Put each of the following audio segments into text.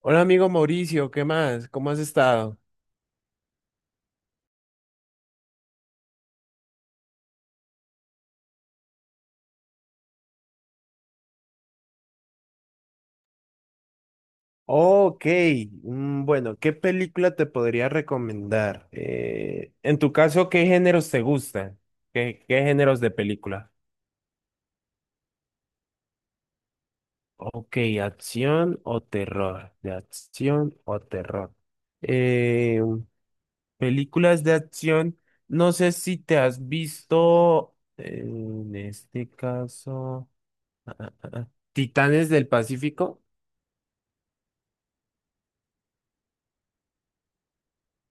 Hola amigo Mauricio, ¿qué más? ¿Cómo has estado? Ok, bueno, ¿qué película te podría recomendar? En tu caso, ¿qué géneros te gustan? ¿Qué géneros de película? Ok, acción o terror, de acción o terror. Eh, Películas de acción, no sé si te has visto, en este caso, Titanes del Pacífico.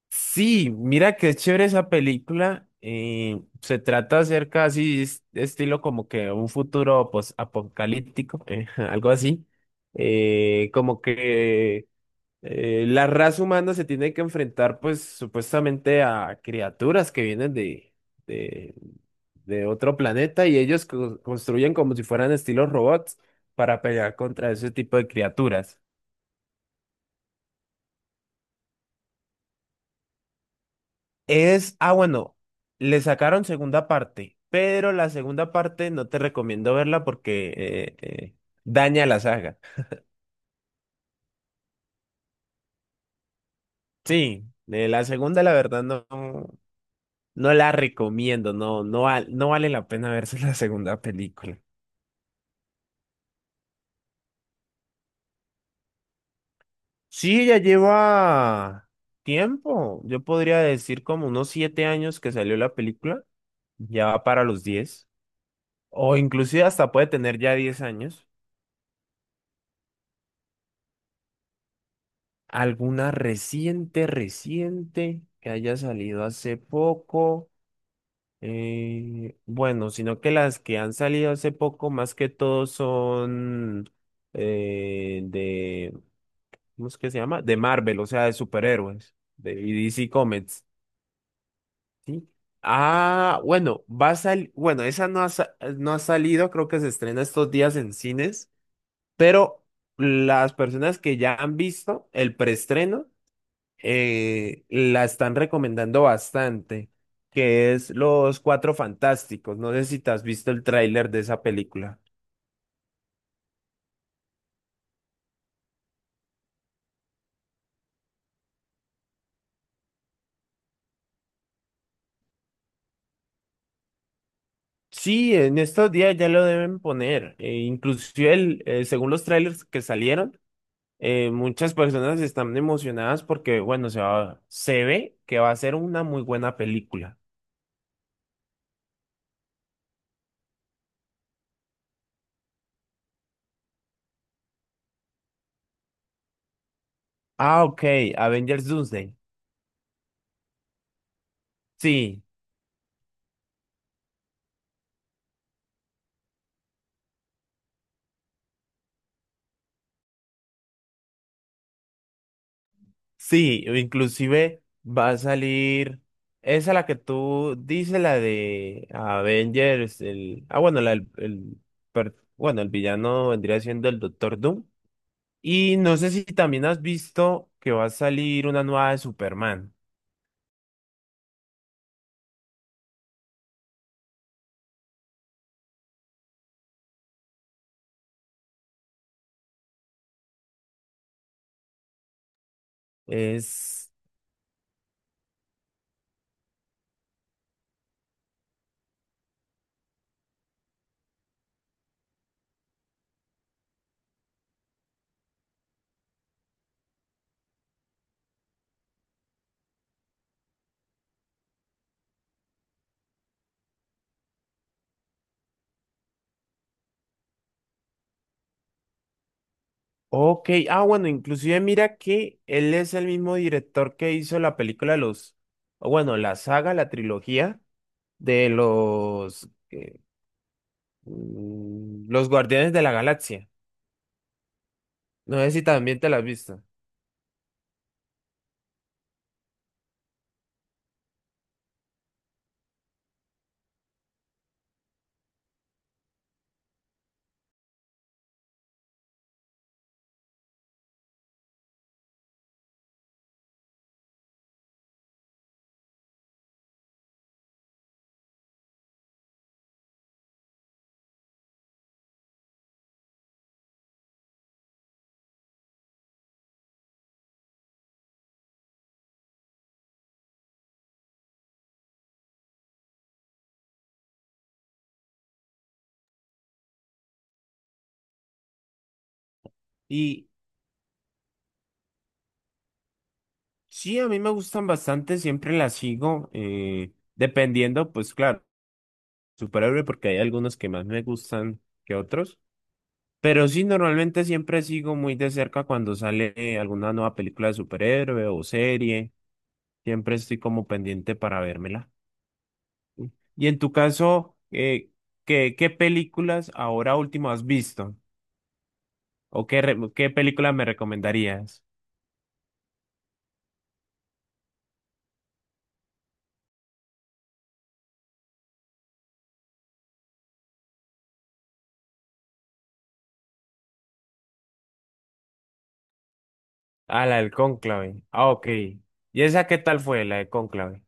Sí, mira qué chévere esa película. Se trata acerca así, estilo como que un futuro pues, apocalíptico, algo así. Como que la raza humana se tiene que enfrentar pues supuestamente a criaturas que vienen de, de otro planeta y ellos construyen como si fueran estilos robots para pelear contra ese tipo de criaturas. Bueno, le sacaron segunda parte, pero la segunda parte no te recomiendo verla porque daña la saga. Sí, la segunda la verdad no, no la recomiendo, no, no, no vale la pena verse la segunda película. Sí, ya lleva tiempo, yo podría decir como unos 7 años que salió la película, ya va para los 10, o inclusive hasta puede tener ya 10 años. ¿Alguna reciente, reciente que haya salido hace poco? Bueno, sino que las que han salido hace poco más que todo son eh, de, ¿cómo es que se llama? De Marvel, o sea, de superhéroes, de y DC Comics, ¿sí? Ah, bueno, va a salir, bueno, esa no ha, no ha salido, creo que se estrena estos días en cines, pero las personas que ya han visto el preestreno, la están recomendando bastante, que es Los Cuatro Fantásticos. No sé si te has visto el tráiler de esa película. Sí, en estos días ya lo deben poner. Inclusive según los trailers que salieron, muchas personas están emocionadas porque, bueno, se ve que va a ser una muy buena película. Ah, ok, Avengers Doomsday. Sí. Sí, inclusive va a salir esa la que tú dices, la de Avengers, el ah bueno, la del- el, per- bueno, el villano vendría siendo el Doctor Doom. Y no sé si también has visto que va a salir una nueva de Superman. Es Ok, bueno, inclusive mira que él es el mismo director que hizo la película de los, o bueno, la saga, la trilogía de los los Guardianes de la Galaxia. No sé si también te la has visto. Y sí, a mí me gustan bastante, siempre las sigo, dependiendo, pues claro, superhéroe, porque hay algunos que más me gustan que otros. Pero sí, normalmente siempre sigo muy de cerca cuando sale alguna nueva película de superhéroe o serie. Siempre estoy como pendiente para vérmela. Y en tu caso, ¿qué películas ahora último has visto? ¿O qué película me recomendarías? Ah, la del cónclave. Ah, ok. ¿Y esa qué tal fue, la de cónclave?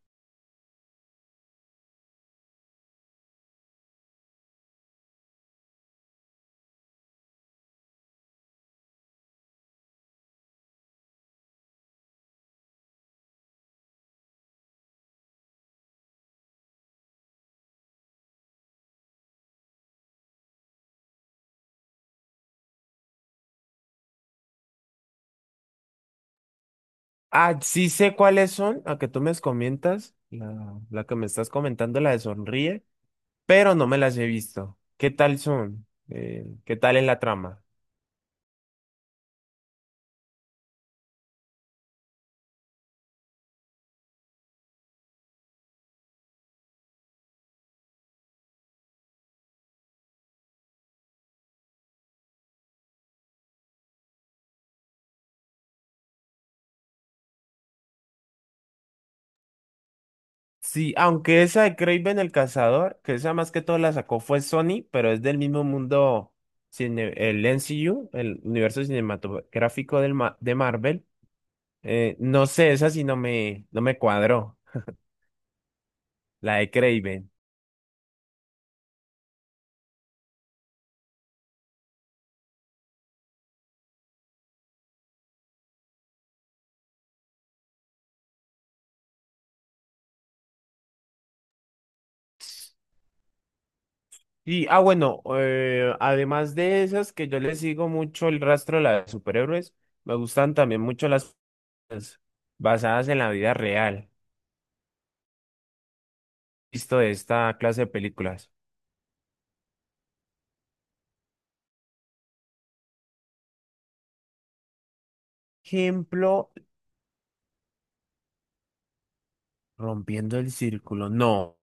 Ah, sí sé cuáles son, a que tú me comentas, la que me estás comentando, la de Sonríe, pero no me las he visto. ¿Qué tal son? ¿Qué tal es la trama? Sí, aunque esa de Kraven el Cazador, que esa más que todo la sacó fue Sony, pero es del mismo mundo, el MCU, el universo cinematográfico del de Marvel. No sé, esa sí no me cuadró, la de Kraven. Y, ah, bueno, además de esas que yo les sigo mucho el rastro de las superhéroes, me gustan también mucho las basadas en la vida real, visto de esta clase de películas. Ejemplo, Rompiendo el Círculo. No.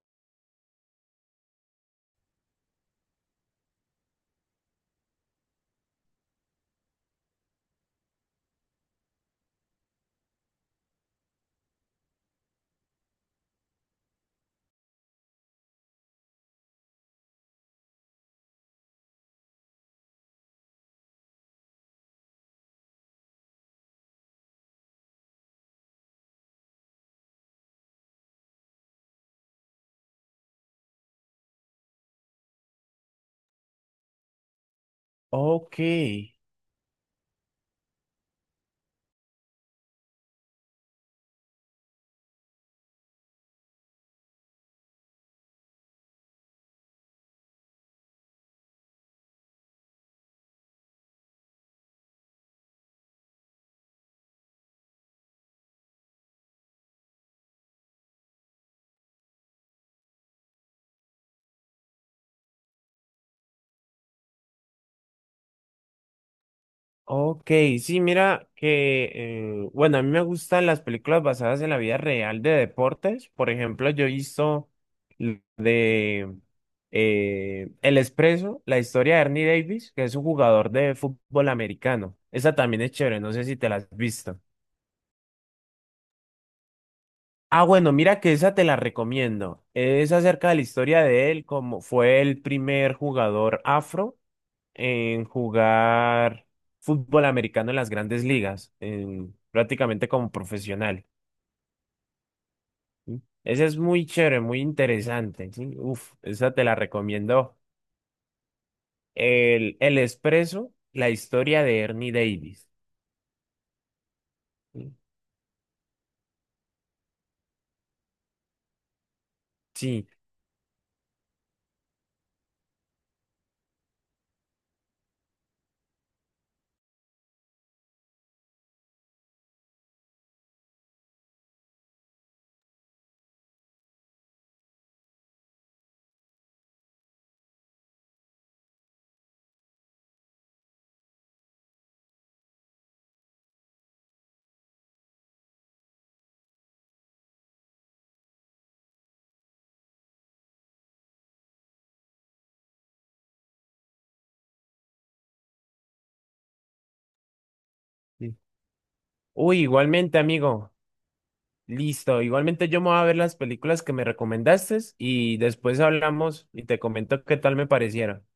Ok. Ok, sí, mira que, bueno, a mí me gustan las películas basadas en la vida real de deportes. Por ejemplo, yo he visto l- de El Expreso, la historia de Ernie Davis, que es un jugador de fútbol americano. Esa también es chévere, no sé si te la has visto. Ah, bueno, mira que esa te la recomiendo. Es acerca de la historia de él, como fue el primer jugador afro en jugar fútbol americano en las grandes ligas, prácticamente como profesional. ¿Sí? Esa es muy chévere, muy interesante. ¿Sí? Uf, esa te la recomiendo. El Expreso, la historia de Ernie Davis. Sí. Sí, sí. Uy, igualmente, amigo. Listo, igualmente yo me voy a ver las películas que me recomendaste y después hablamos y te comento qué tal me parecieron.